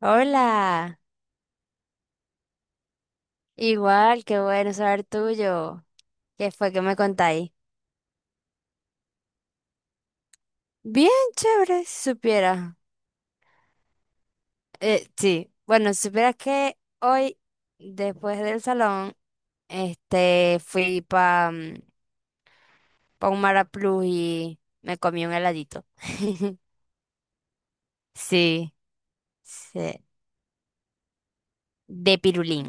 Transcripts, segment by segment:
Hola, igual, qué bueno saber tuyo. ¿Qué fue que me contáis? Bien, chévere, si supiera. Sí, bueno, si supieras que hoy, después del salón, este, fui pa, pa un Maraplus y me comí un heladito. Sí, sí, de pirulín.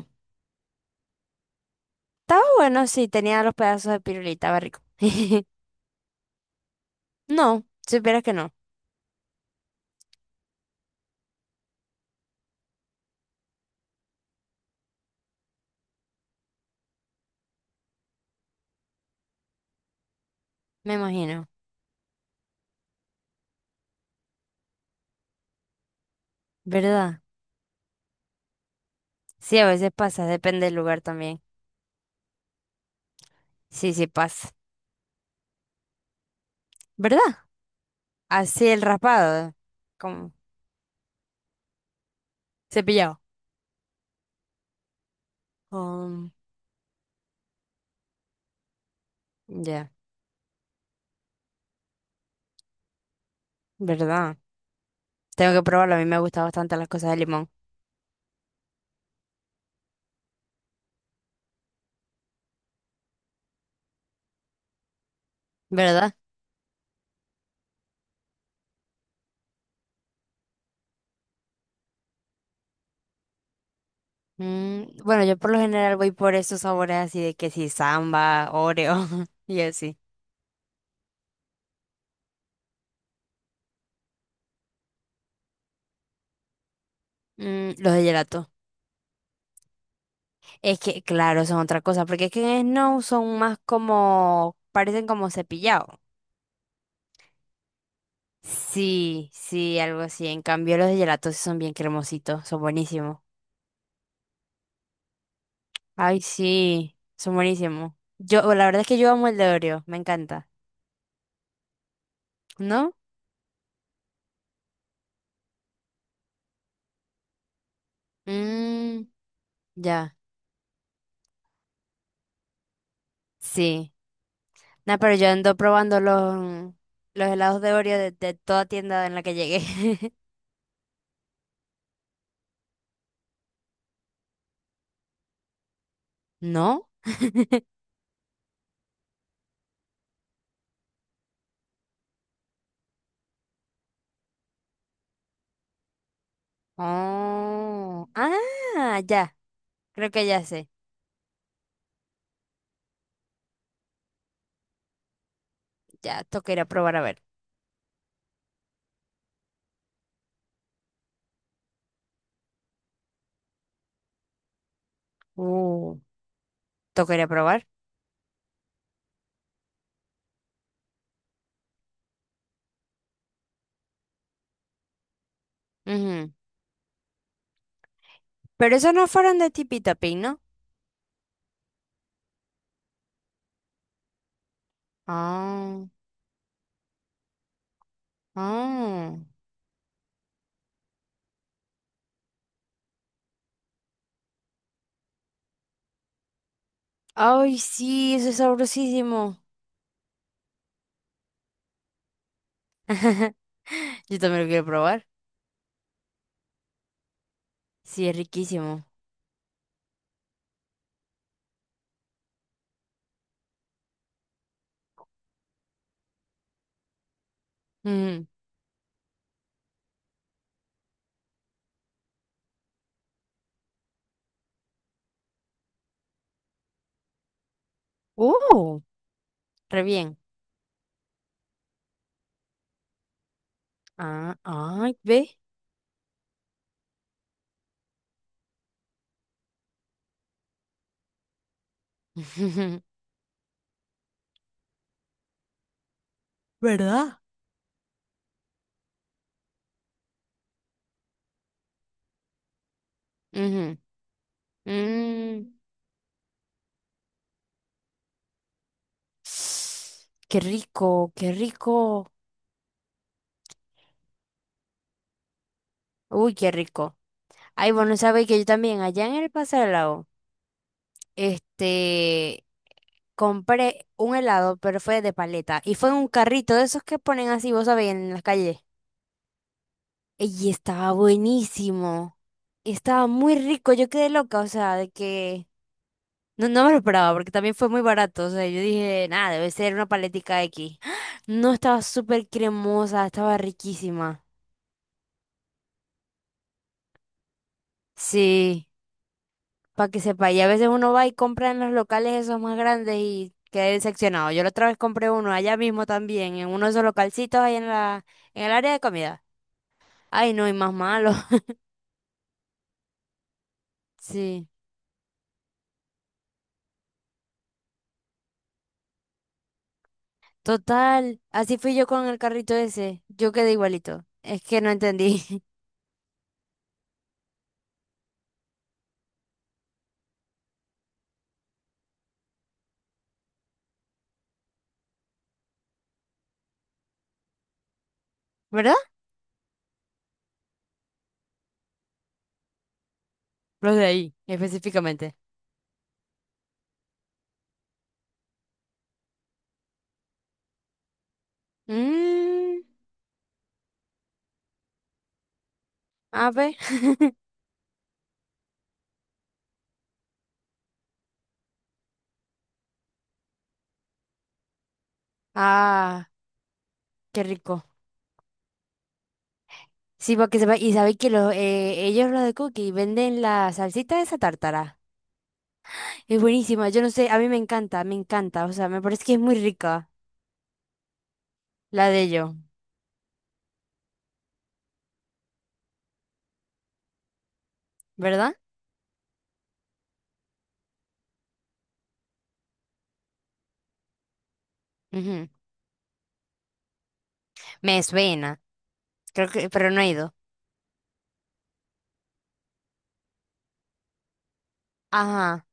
Estaba bueno, sí, tenía los pedazos de pirulita, estaba rico. No, si supieras que no, me imagino, ¿verdad? Sí, a veces pasa, depende del lugar también. Sí, sí pasa. ¿Verdad? Así el raspado, como cepillado. Um, ya, ¿verdad? Tengo que probarlo, a mí me gustan bastante las cosas de limón, ¿verdad? Mm, bueno, yo por lo general voy por esos sabores así de que si samba, Oreo y así. Mm, los de gelato. Es que, claro, son otra cosa, porque es que en Snow son más como, parecen como cepillado. Sí, sí, algo así. En cambio, los de gelato sí son bien cremositos, son buenísimos. Ay, sí, son buenísimos. Yo, la verdad es que yo amo el de Oreo, me encanta. ¿No? Mmm, ya, sí. Nah, pero yo ando probando los, helados de Oreo de toda tienda en la que llegué. ¿No? Oh, ah, ya, creo que ya sé. Ya, toca ir a probar a ver. Uh, toca ir a probar. Ujú. Pero esos no fueron de Tipi Tapín, ¿no? Ah. Ah. Ay, sí, eso es sabrosísimo. Yo también lo quiero probar. Sí, es riquísimo. Ujú. Uh, re bien. Ah, ay, ve. ¿Verdad? Ujú. Mm. Qué rico, qué rico. Uy, qué rico. Ay, bueno, sabéis que yo también, allá en el Paso del Lago, este, compré un helado, pero fue de paleta. Y fue en un carrito de esos que ponen así, vos sabéis, en las calles. Y estaba buenísimo. Estaba muy rico. Yo quedé loca, o sea, de que no, no me lo esperaba porque también fue muy barato. O sea, yo dije, nada, debe ser una paletica X. No, estaba súper cremosa, estaba riquísima. Sí, para que sepa. Y a veces uno va y compra en los locales esos más grandes y queda decepcionado. Yo la otra vez compré uno allá mismo también, en uno de esos localcitos ahí en la, en el área de comida. Ay, no, y más malo. Sí. Total, así fui yo con el carrito ese. Yo quedé igualito. Es que no entendí. ¿Verdad? Los de ahí, específicamente. Mm, a ver. Ah, qué rico. Sí, porque se va. Y sabéis que los, ellos, los de Cookie, venden la salsita de esa tártara. Es buenísima. Yo no sé, a mí me encanta, me encanta. O sea, me parece que es muy rica la de ellos, ¿verdad? Ujú. Me suena. Creo que, pero no he ido. Ajá,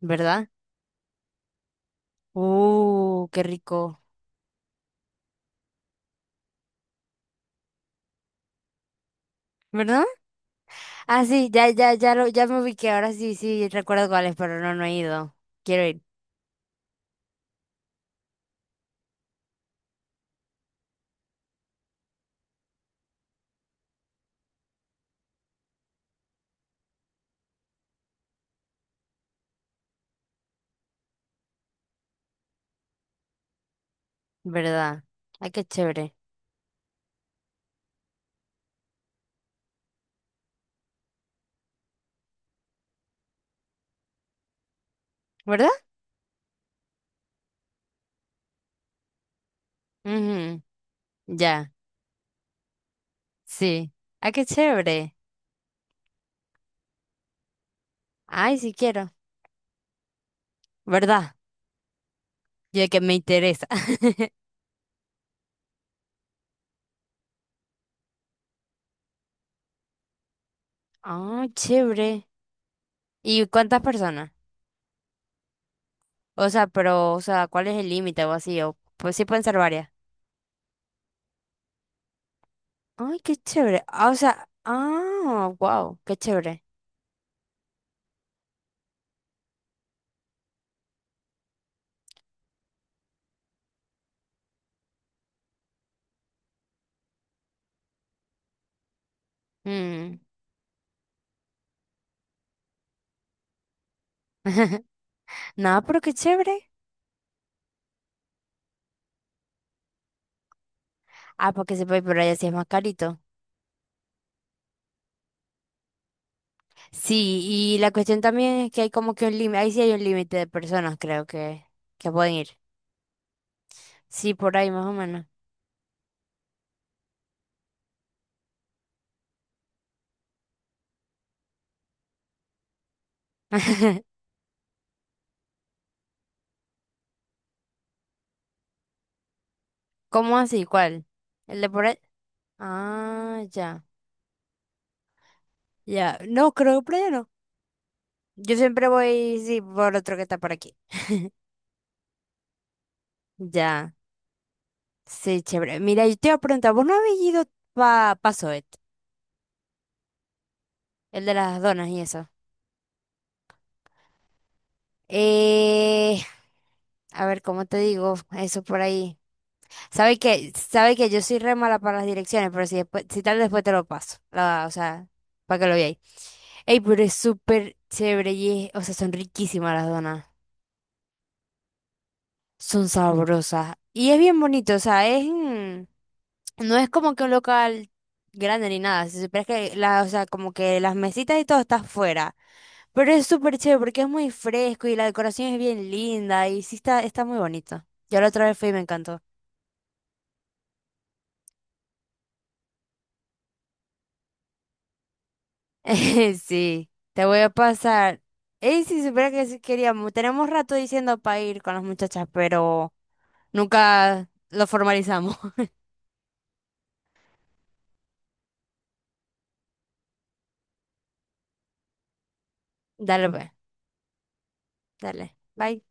¿verdad? Qué rico. ¿Verdad? Ah, sí, ya, ya, ya lo, ya me ubiqué, ahora sí, sí, recuerdo cuál es, pero no, no he ido. Quiero ir, ¿verdad? Ay, qué chévere, ¿verdad? Ujú, ya, sí. Ay, qué chévere. Ay, sí quiero, ¿verdad? Yo de que me interesa. Ah, chévere. ¿Y cuántas personas? O sea, pero, o sea, ¿cuál es el límite o así? O, pues sí pueden ser varias. Ay, qué chévere. Ah, o sea, ah, wow, qué chévere. Mm. No, pero qué chévere. Ah, porque se puede ir por allá si es más carito. Sí, y la cuestión también es que hay como que un límite, ahí sí hay un límite de personas, creo que pueden ir. Sí, por ahí más o menos. ¿Cómo así? ¿Cuál? ¿El de por ahí? Ah, ya, ya. No, creo que por allá no. Yo siempre voy, sí, por otro que está por aquí. Ya, sí, chévere. Mira, yo te iba a preguntar, ¿vos no habéis ido pa, pa Zoet? El de las donas y eso. Eh, a ver, ¿cómo te digo? Eso por ahí. Sabe que yo soy re mala para las direcciones, pero si después, si tal después te lo paso. La, o sea, para que lo veáis. Ey, pero es súper chévere y es- o sea, son riquísimas las donas. Son sabrosas. Y es bien bonito, o sea, es en- no es como que un local grande ni nada. Si supieras que la, o sea, como que las mesitas y todo está afuera. Pero es súper chévere porque es muy fresco y la decoración es bien linda y sí está, está muy bonito. Yo la otra vez fui y me encantó. Sí, te voy a pasar. Ey, si supiera que sí queríamos, tenemos rato diciendo para ir con las muchachas, pero nunca lo formalizamos. Dale, pues, dale. Bye.